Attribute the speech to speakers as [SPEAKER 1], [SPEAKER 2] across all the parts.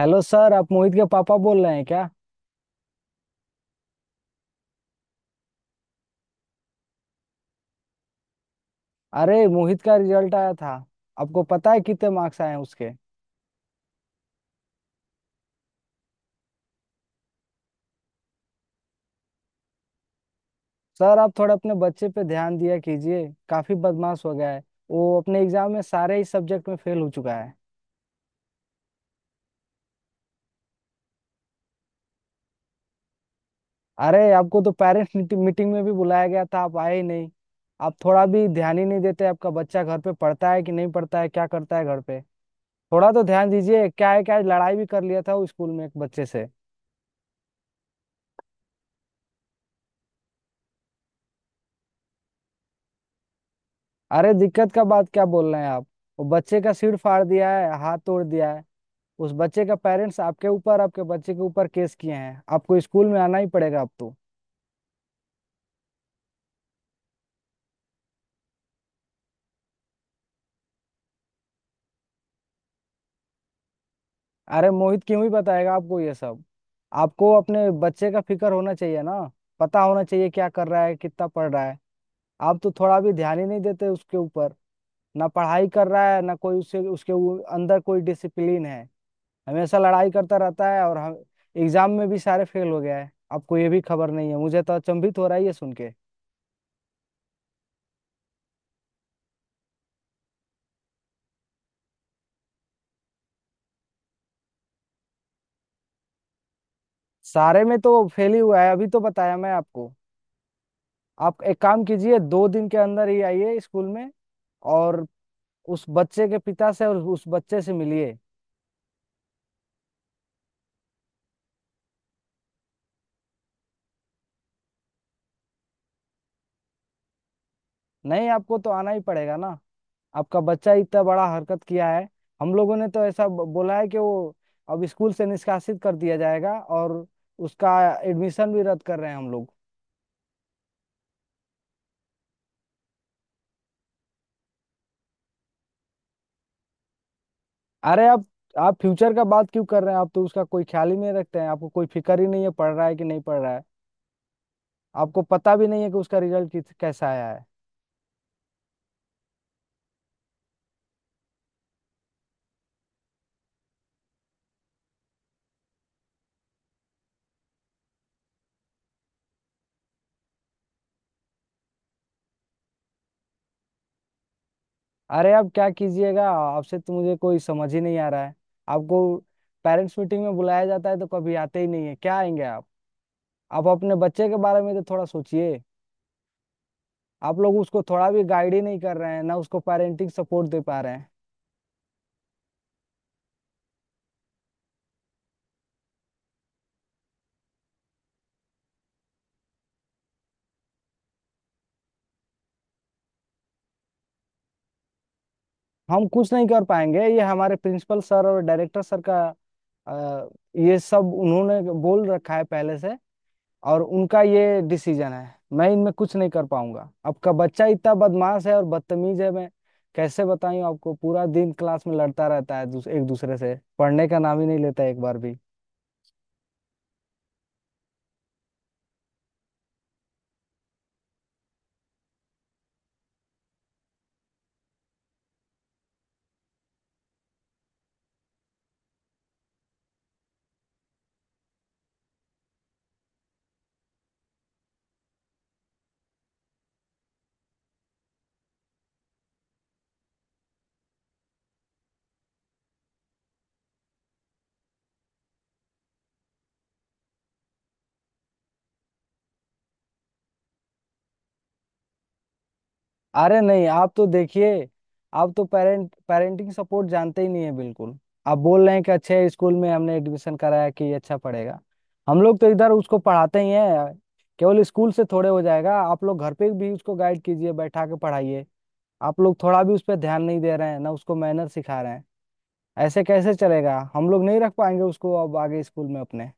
[SPEAKER 1] Hello sir, आप मोहित के पापा बोल रहे हैं क्या? अरे, मोहित का रिजल्ट आया था। आपको पता है कितने मार्क्स आए हैं उसके? सर, आप थोड़ा अपने बच्चे पे ध्यान दिया कीजिए, काफी बदमाश हो गया है। वो अपने एग्जाम में सारे ही सब्जेक्ट में फेल हो चुका है। अरे, आपको तो पेरेंट्स मीटिंग में भी बुलाया गया था, आप आए ही नहीं। आप थोड़ा भी ध्यान ही नहीं देते। आपका बच्चा घर पे पढ़ता है कि नहीं पढ़ता है, क्या करता है घर पे? थोड़ा तो ध्यान दीजिए। क्या है, लड़ाई भी कर लिया था वो स्कूल में एक बच्चे से। अरे, दिक्कत का बात क्या बोल रहे हैं आप। वो बच्चे का सिर फाड़ दिया है, हाथ तोड़ दिया है। उस बच्चे का पेरेंट्स आपके ऊपर, आपके बच्चे के ऊपर केस किए हैं। आपको स्कूल में आना ही पड़ेगा अब तो। अरे, मोहित क्यों ही बताएगा आपको ये सब। आपको अपने बच्चे का फिक्र होना चाहिए ना। पता होना चाहिए क्या कर रहा है, कितना पढ़ रहा है। आप तो थोड़ा भी ध्यान ही नहीं देते उसके ऊपर। ना पढ़ाई कर रहा है, ना कोई उसे उसके अंदर कोई डिसिप्लिन है। हमेशा लड़ाई करता रहता है और हम एग्जाम में भी सारे फेल हो गया है। आपको ये भी खबर नहीं है, मुझे तो अचंभित हो रहा है ये सुन के। सारे में तो फेल ही हुआ है, अभी तो बताया मैं आपको। आप एक काम कीजिए, दो दिन के अंदर ही आइए स्कूल में। और उस बच्चे के पिता से और उस बच्चे से मिलिए। नहीं, आपको तो आना ही पड़ेगा ना। आपका बच्चा इतना बड़ा हरकत किया है। हम लोगों ने तो ऐसा बोला है कि वो अब स्कूल से निष्कासित कर दिया जाएगा। और उसका एडमिशन भी रद्द कर रहे हैं हम लोग। अरे आप फ्यूचर का बात क्यों कर रहे हैं? आप तो उसका कोई ख्याल ही नहीं रखते हैं, आपको कोई फिक्र ही नहीं है, पढ़ रहा है कि नहीं पढ़ रहा है। आपको पता भी नहीं है कि उसका रिजल्ट किस कैसा आया है। अरे आप क्या कीजिएगा, आपसे तो मुझे कोई समझ ही नहीं आ रहा है। आपको पेरेंट्स मीटिंग में बुलाया जाता है तो कभी आते ही नहीं है, क्या आएंगे आप? आप अपने बच्चे के बारे में तो थोड़ा सोचिए। आप लोग उसको थोड़ा भी गाइड ही नहीं कर रहे हैं, ना उसको पेरेंटिंग सपोर्ट दे पा रहे हैं। हम कुछ नहीं कर पाएंगे, ये हमारे प्रिंसिपल सर और डायरेक्टर सर का, अ, ये सब उन्होंने बोल रखा है पहले से। और उनका ये डिसीजन है, मैं इनमें कुछ नहीं कर पाऊंगा। आपका बच्चा इतना बदमाश है और बदतमीज है, मैं कैसे बताऊं आपको। पूरा दिन क्लास में लड़ता रहता है, एक दूसरे से पढ़ने का नाम ही नहीं लेता एक बार भी। अरे नहीं, आप तो देखिए, आप तो पेरेंट पेरेंटिंग सपोर्ट जानते ही नहीं है बिल्कुल। आप बोल रहे हैं कि अच्छे स्कूल में हमने एडमिशन कराया कि ये अच्छा पढ़ेगा। हम लोग तो इधर उसको पढ़ाते ही हैं, केवल स्कूल से थोड़े हो जाएगा। आप लोग घर पे भी उसको गाइड कीजिए, बैठा के पढ़ाइए। आप लोग थोड़ा भी उस पर ध्यान नहीं दे रहे हैं, ना उसको मैनर सिखा रहे हैं। ऐसे कैसे चलेगा, हम लोग नहीं रख पाएंगे उसको अब आगे स्कूल में अपने।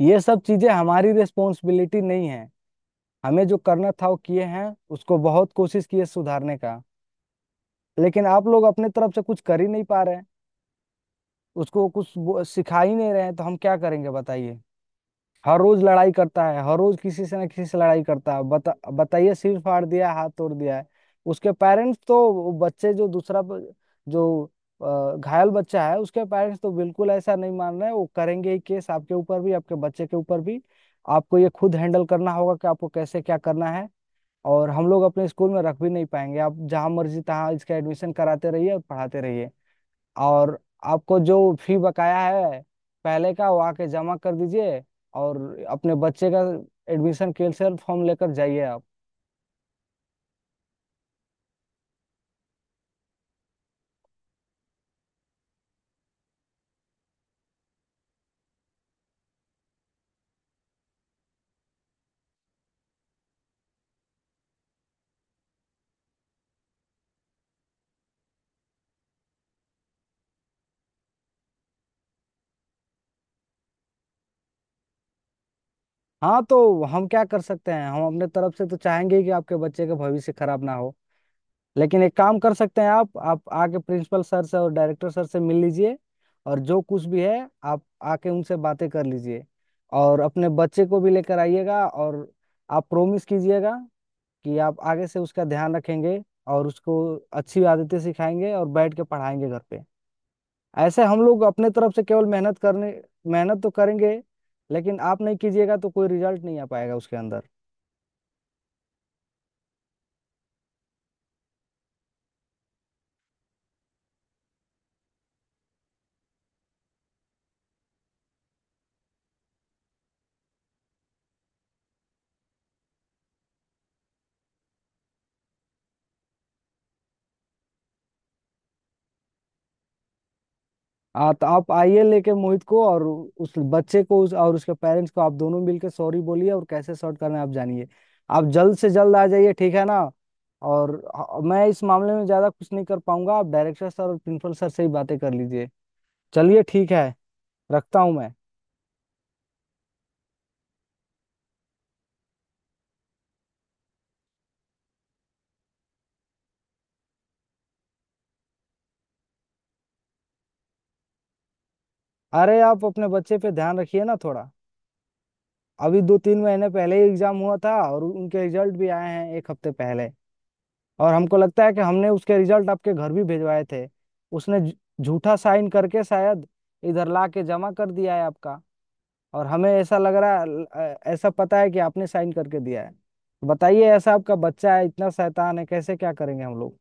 [SPEAKER 1] ये सब चीजें हमारी रिस्पॉन्सिबिलिटी नहीं है। हमें जो करना था वो किए हैं, उसको बहुत कोशिश की है सुधारने का। लेकिन आप लोग अपने तरफ से कुछ कर ही नहीं पा रहे हैं, उसको कुछ सिखा ही नहीं रहे हैं, तो हम क्या करेंगे बताइए। हर रोज लड़ाई करता है, हर रोज किसी से ना किसी से लड़ाई करता है। बता बताइए, सिर फाड़ दिया है, हाथ तोड़ दिया है। उसके पेरेंट्स तो, वो बच्चे जो दूसरा जो घायल बच्चा है, उसके पेरेंट्स तो बिल्कुल ऐसा नहीं मान रहे हैं। वो करेंगे ही केस आपके ऊपर भी, आपके बच्चे के ऊपर भी। आपको ये खुद हैंडल करना होगा कि आपको कैसे क्या करना है। और हम लोग अपने स्कूल में रख भी नहीं पाएंगे। आप जहां मर्जी तहां इसका एडमिशन कराते रहिए और पढ़ाते रहिए। और आपको जो फी बकाया है पहले का, वो आके जमा कर दीजिए। और अपने बच्चे का एडमिशन कैंसिल फॉर्म लेकर जाइए आप। हाँ तो हम क्या कर सकते हैं, हम अपने तरफ से तो चाहेंगे ही कि आपके बच्चे का भविष्य खराब ना हो। लेकिन एक काम कर सकते हैं आप आके प्रिंसिपल सर से और डायरेक्टर सर से मिल लीजिए। और जो कुछ भी है, आप आके उनसे बातें कर लीजिए। और अपने बच्चे को भी लेकर आइएगा। और आप प्रोमिस कीजिएगा कि आप आगे से उसका ध्यान रखेंगे, और उसको अच्छी आदतें सिखाएंगे और बैठ के पढ़ाएंगे घर पे। ऐसे हम लोग अपने तरफ से केवल मेहनत करने, मेहनत तो करेंगे, लेकिन आप नहीं कीजिएगा तो कोई रिजल्ट नहीं आ पाएगा उसके अंदर। तो आप आइए लेके मोहित को, और उस बच्चे को और उसके पेरेंट्स को। आप दोनों मिलकर सॉरी बोलिए, और कैसे सॉर्ट करना है आप जानिए। आप जल्द से जल्द आ जाइए, ठीक है ना? और मैं इस मामले में ज्यादा कुछ नहीं कर पाऊंगा, आप डायरेक्टर सर और प्रिंसिपल सर से ही बातें कर लीजिए। चलिए ठीक है, रखता हूँ मैं। अरे, आप अपने बच्चे पे ध्यान रखिए ना थोड़ा। अभी दो तीन महीने पहले ही एग्जाम हुआ था, और उनके रिजल्ट भी आए हैं एक हफ्ते पहले। और हमको लगता है कि हमने उसके रिजल्ट आपके घर भी भिजवाए थे। उसने झूठा साइन करके शायद इधर ला के जमा कर दिया है आपका। और हमें ऐसा लग रहा है ऐसा पता है कि आपने साइन करके दिया है। बताइए ऐसा, आपका बच्चा है इतना शैतान है, कैसे क्या करेंगे हम लोग।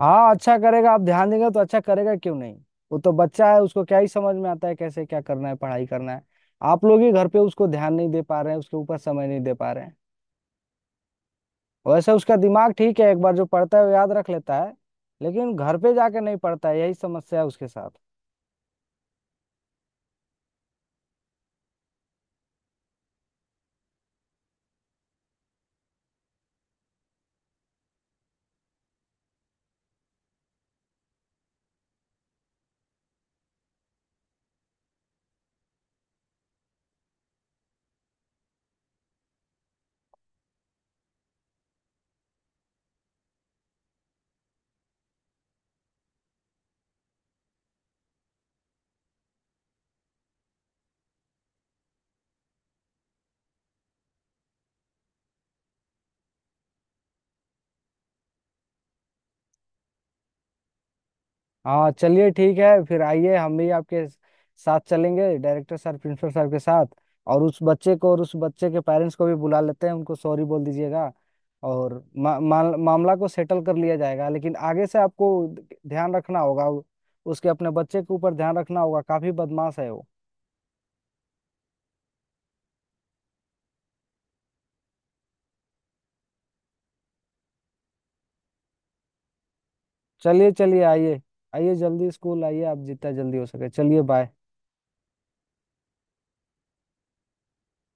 [SPEAKER 1] हाँ, अच्छा करेगा, आप ध्यान देंगे तो अच्छा करेगा, क्यों नहीं। वो तो बच्चा है, उसको क्या ही समझ में आता है कैसे क्या करना है, पढ़ाई करना है। आप लोग ही घर पे उसको ध्यान नहीं दे पा रहे हैं, उसके ऊपर समय नहीं दे पा रहे हैं। वैसे उसका दिमाग ठीक है, एक बार जो पढ़ता है वो याद रख लेता है। लेकिन घर पे जाके नहीं पढ़ता है, यही समस्या है उसके साथ। हाँ चलिए ठीक है, फिर आइए, हम भी आपके साथ चलेंगे डायरेक्टर सर प्रिंसिपल सर के साथ। और उस बच्चे को और उस बच्चे के पेरेंट्स को भी बुला लेते हैं, उनको सॉरी बोल दीजिएगा। और मा, मा, मामला को सेटल कर लिया जाएगा। लेकिन आगे से आपको ध्यान रखना होगा उसके, अपने बच्चे के ऊपर ध्यान रखना होगा, काफी बदमाश है वो। चलिए चलिए, आइए आइए जल्दी, स्कूल आइए आप जितना जल्दी हो सके। चलिए, बाय।